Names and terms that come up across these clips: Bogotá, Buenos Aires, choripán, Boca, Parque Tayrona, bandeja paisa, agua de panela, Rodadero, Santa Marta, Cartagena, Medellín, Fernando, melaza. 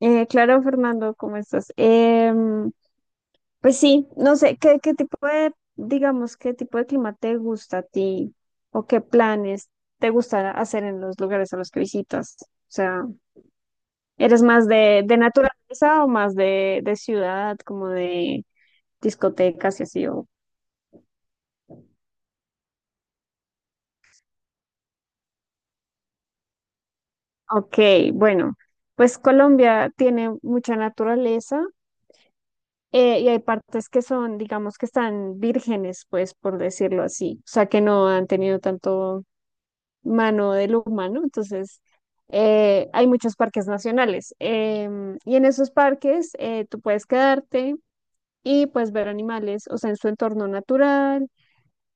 Claro, Fernando, ¿cómo estás? Pues sí, no sé, ¿qué tipo de, digamos, qué tipo de clima te gusta a ti o qué planes te gusta hacer en los lugares a los que visitas? O sea, ¿eres más de naturaleza o más de ciudad, como de discotecas y así? Ok, bueno, pues Colombia tiene mucha naturaleza. Y hay partes que son, digamos, que están vírgenes, pues, por decirlo así. O sea, que no han tenido tanto mano del humano. Entonces, hay muchos parques nacionales. Y en esos parques tú puedes quedarte y pues ver animales, o sea, en su entorno natural.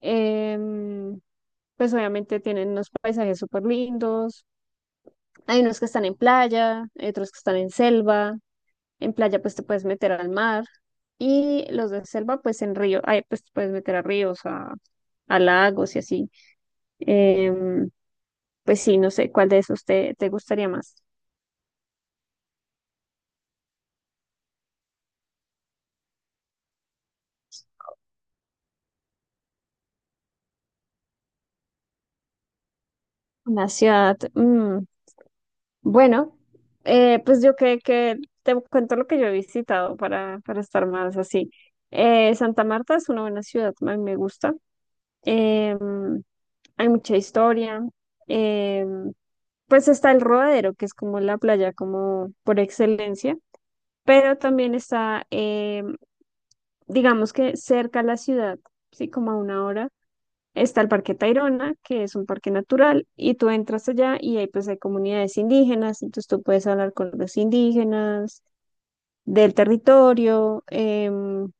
em, pues obviamente tienen unos paisajes súper lindos. Hay unos que están en playa, hay otros que están en selva. En playa pues te puedes meter al mar. Y los de selva, pues en río, ay, pues te puedes meter a ríos, a lagos y así. Em, pues sí, no sé, ¿cuál de esos te gustaría más? Una ciudad. Bueno, pues yo creo que te cuento lo que yo he visitado para estar más así. Santa Marta es una buena ciudad, a mí me gusta. Em, Hay mucha historia. em, pues está el Rodadero, que es como la playa como por excelencia, pero también está, digamos que cerca a la ciudad, sí, como a una hora. Está el Parque Tayrona, que es un parque natural, y tú entras allá y ahí pues hay comunidades indígenas, entonces tú puedes hablar con los indígenas del territorio,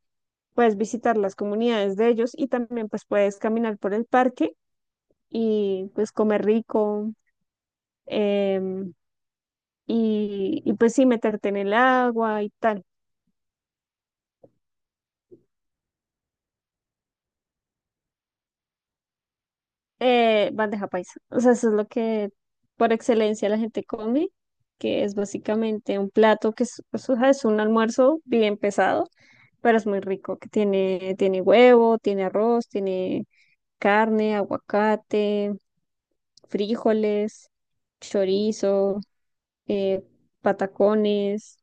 puedes visitar las comunidades de ellos y también pues puedes caminar por el parque y pues comer rico, em, y pues sí meterte en el agua y tal. Bandeja paisa. O sea, eso es lo que por excelencia la gente come, que es básicamente un plato que es, pues, o sea, es un almuerzo bien pesado, pero es muy rico, que tiene huevo, tiene arroz, tiene carne, aguacate, frijoles, chorizo, eh, patacones,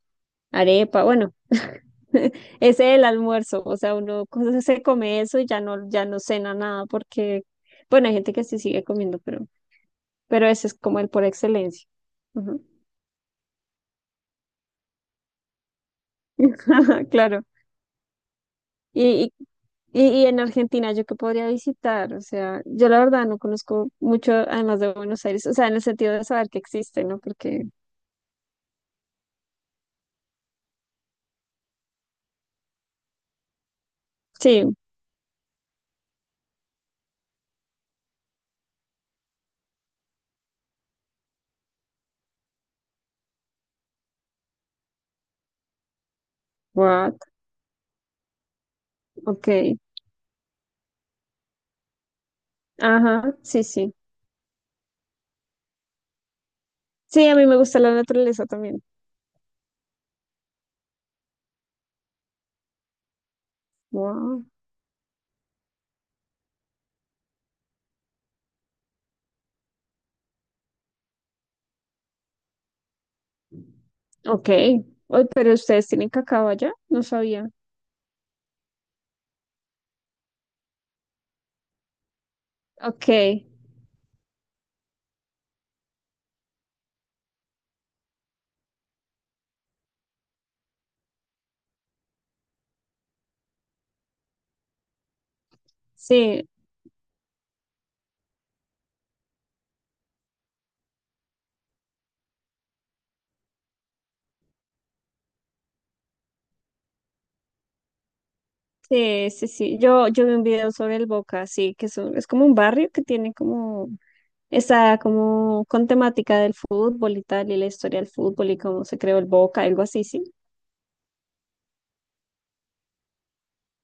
arepa, bueno. Ese es el almuerzo, o sea, uno se come eso y ya no cena nada porque, bueno, hay gente que sí sigue comiendo, pero ese es como el por excelencia. Ujú. Claro. Y, y en Argentina, ¿yo qué podría visitar? O sea, yo la verdad no conozco mucho, además de Buenos Aires, o sea, en el sentido de saber que existe, ¿no? Porque, sí, what, ok, ajá, sí, sí. Sí, a mí me gusta la naturaleza también. Wow. Ok. Oy, pero ustedes tienen cacao allá, no sabía. Ok, sí, sí, sí, sí. Yo vi un video sobre el Boca, sí, que es, es como un barrio que tiene como. Está como con temática del fútbol y tal, y la historia del fútbol y cómo se creó el Boca, algo así, sí.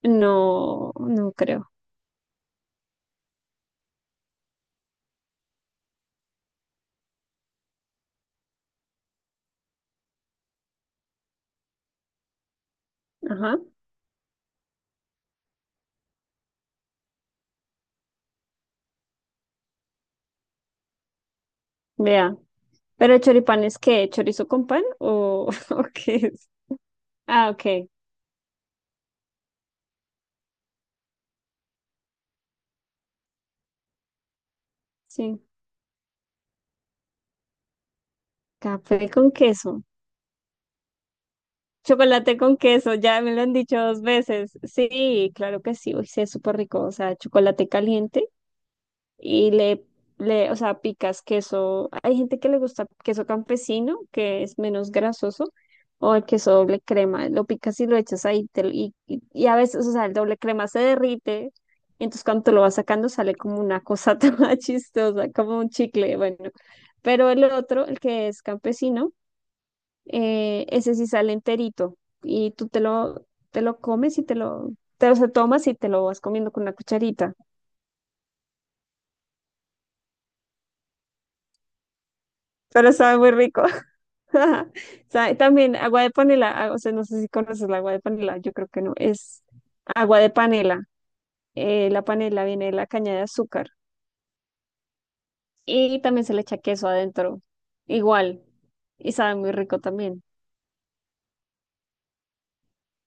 No, no creo. Ajá, vea. Pero el choripán es qué, ¿chorizo con pan o, o qué es? Ah, ok, sí. Café con queso. Chocolate con queso, ya me lo han dicho dos veces. Sí, claro que sí, uy, sí, es súper rico. O sea, chocolate caliente. Y le, o sea, picas queso. Hay gente que le gusta queso campesino, que es menos grasoso, o el queso doble crema. Lo picas y lo echas ahí. Y a veces, o sea, el doble crema se derrite. Entonces, cuando te lo vas sacando, sale como una cosa toda chistosa, como un chicle. Bueno, pero el otro, el que es campesino, ese sí sale enterito. Y tú te lo comes y te lo o sea, tomas y te lo vas comiendo con una cucharita. Pero sabe muy rico. También agua de panela, ah, o sea, no sé si conoces la agua de panela, yo creo que no, es agua de panela. La panela viene de la caña de azúcar y también se le echa queso adentro, igual, y sabe muy rico también,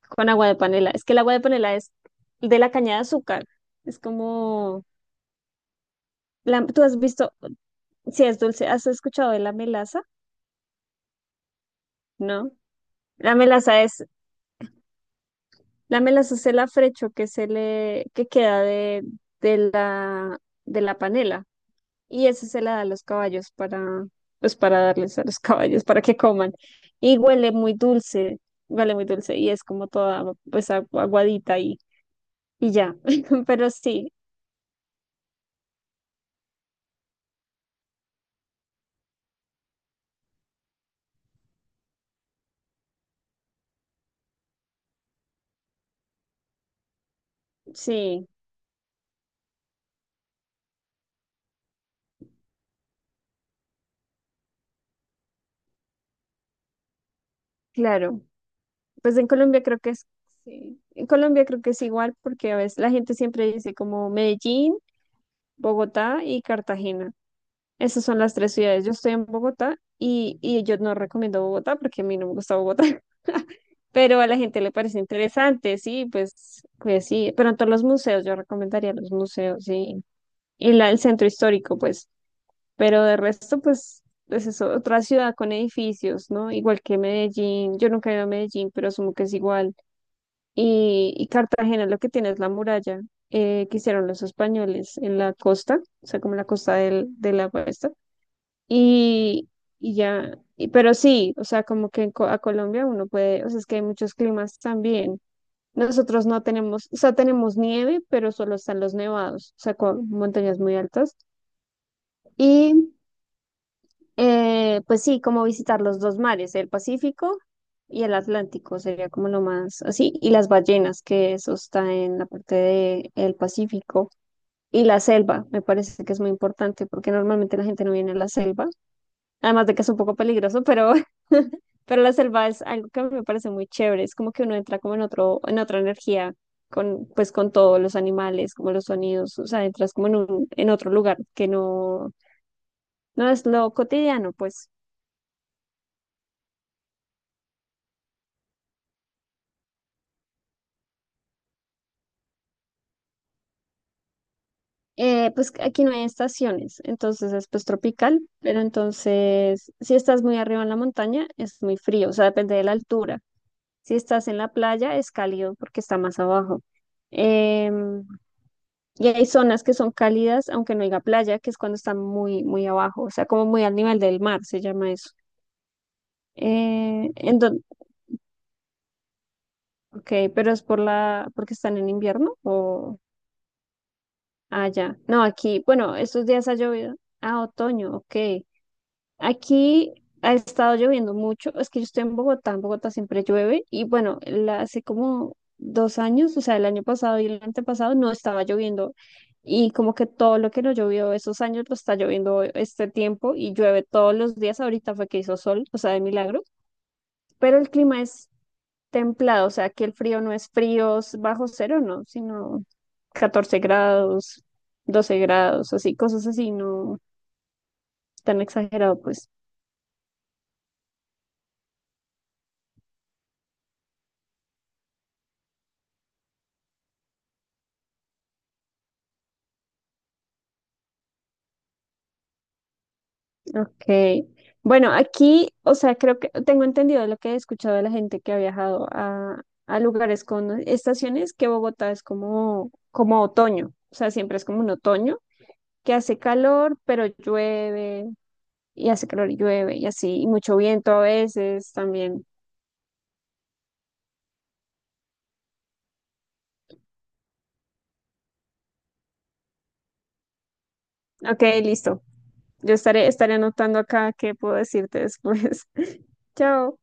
con agua de panela. Es que el agua de panela es de la caña de azúcar, es como, tú has visto, si es dulce, ¿has escuchado de la melaza? ¿No? La melaza es, la melaza es el afrecho que se le, que queda de la, de la panela. Y eso se la da a los caballos para, pues para darles a los caballos para que coman. Y huele muy dulce y es como toda pues aguadita y ya. Pero sí, sí, claro. Pues en Colombia creo que es, sí. En Colombia creo que es igual porque a veces la gente siempre dice como Medellín, Bogotá y Cartagena. Esas son las tres ciudades. Yo estoy en Bogotá y yo no recomiendo Bogotá porque a mí no me gusta Bogotá. Pero a la gente le parece interesante, sí, pues, sí, pero en todos los museos, yo recomendaría los museos, sí, y el centro histórico, pues, pero de resto, pues es eso, otra ciudad con edificios, ¿no? Igual que Medellín, yo nunca he ido a Medellín, pero asumo que es igual, y Cartagena lo que tiene es la muralla. Que hicieron los españoles en la costa, o sea, como la costa de la puesta, y, y ya, pero sí, o sea, como que a Colombia uno puede, o sea, es que hay muchos climas también, nosotros no tenemos, o sea, tenemos nieve, pero solo están los nevados, o sea, con montañas muy altas. Y pues sí, como visitar los dos mares, el Pacífico y el Atlántico, sería como lo más así. Y las ballenas, que eso está en la parte de el Pacífico. Y la selva, me parece que es muy importante, porque normalmente la gente no viene a la selva. Además de que es un poco peligroso, pero, pero la selva es algo que me parece muy chévere. Es como que uno entra como en otra energía, con, pues con todos los animales, como los sonidos, o sea, entras como en otro lugar que no es lo cotidiano, pues. Pues aquí no hay estaciones, entonces es pues tropical, pero entonces si estás muy arriba en la montaña es muy frío, o sea, depende de la altura. Si estás en la playa es cálido porque está más abajo. Em, Y hay zonas que son cálidas, aunque no haya playa, que es cuando está muy, muy abajo, o sea, como muy al nivel del mar, se llama eso. Eh, en don- ok, pero es por porque están en invierno o allá. No, aquí, bueno, estos días ha llovido. Ah, otoño, ok. Aquí ha estado lloviendo mucho. Es que yo estoy en Bogotá siempre llueve. Y bueno, hace como 2 años, o sea, el año pasado y el antepasado no estaba lloviendo. Y como que todo lo que no llovió esos años lo está lloviendo este tiempo y llueve todos los días. Ahorita fue que hizo sol, o sea, de milagro. Pero el clima es templado, o sea, que el frío no es frío bajo cero, no, sino 14 grados, 12 grados, así, cosas así, no tan exagerado, pues. Ok. Bueno, aquí, o sea, creo que tengo entendido lo que he escuchado de la gente que ha viajado a lugares con estaciones, que Bogotá es como otoño, o sea, siempre es como un otoño, que hace calor, pero llueve, y hace calor y llueve, y así, y mucho viento a veces también. Ok, listo. Yo estaré anotando acá qué puedo decirte después. Chao.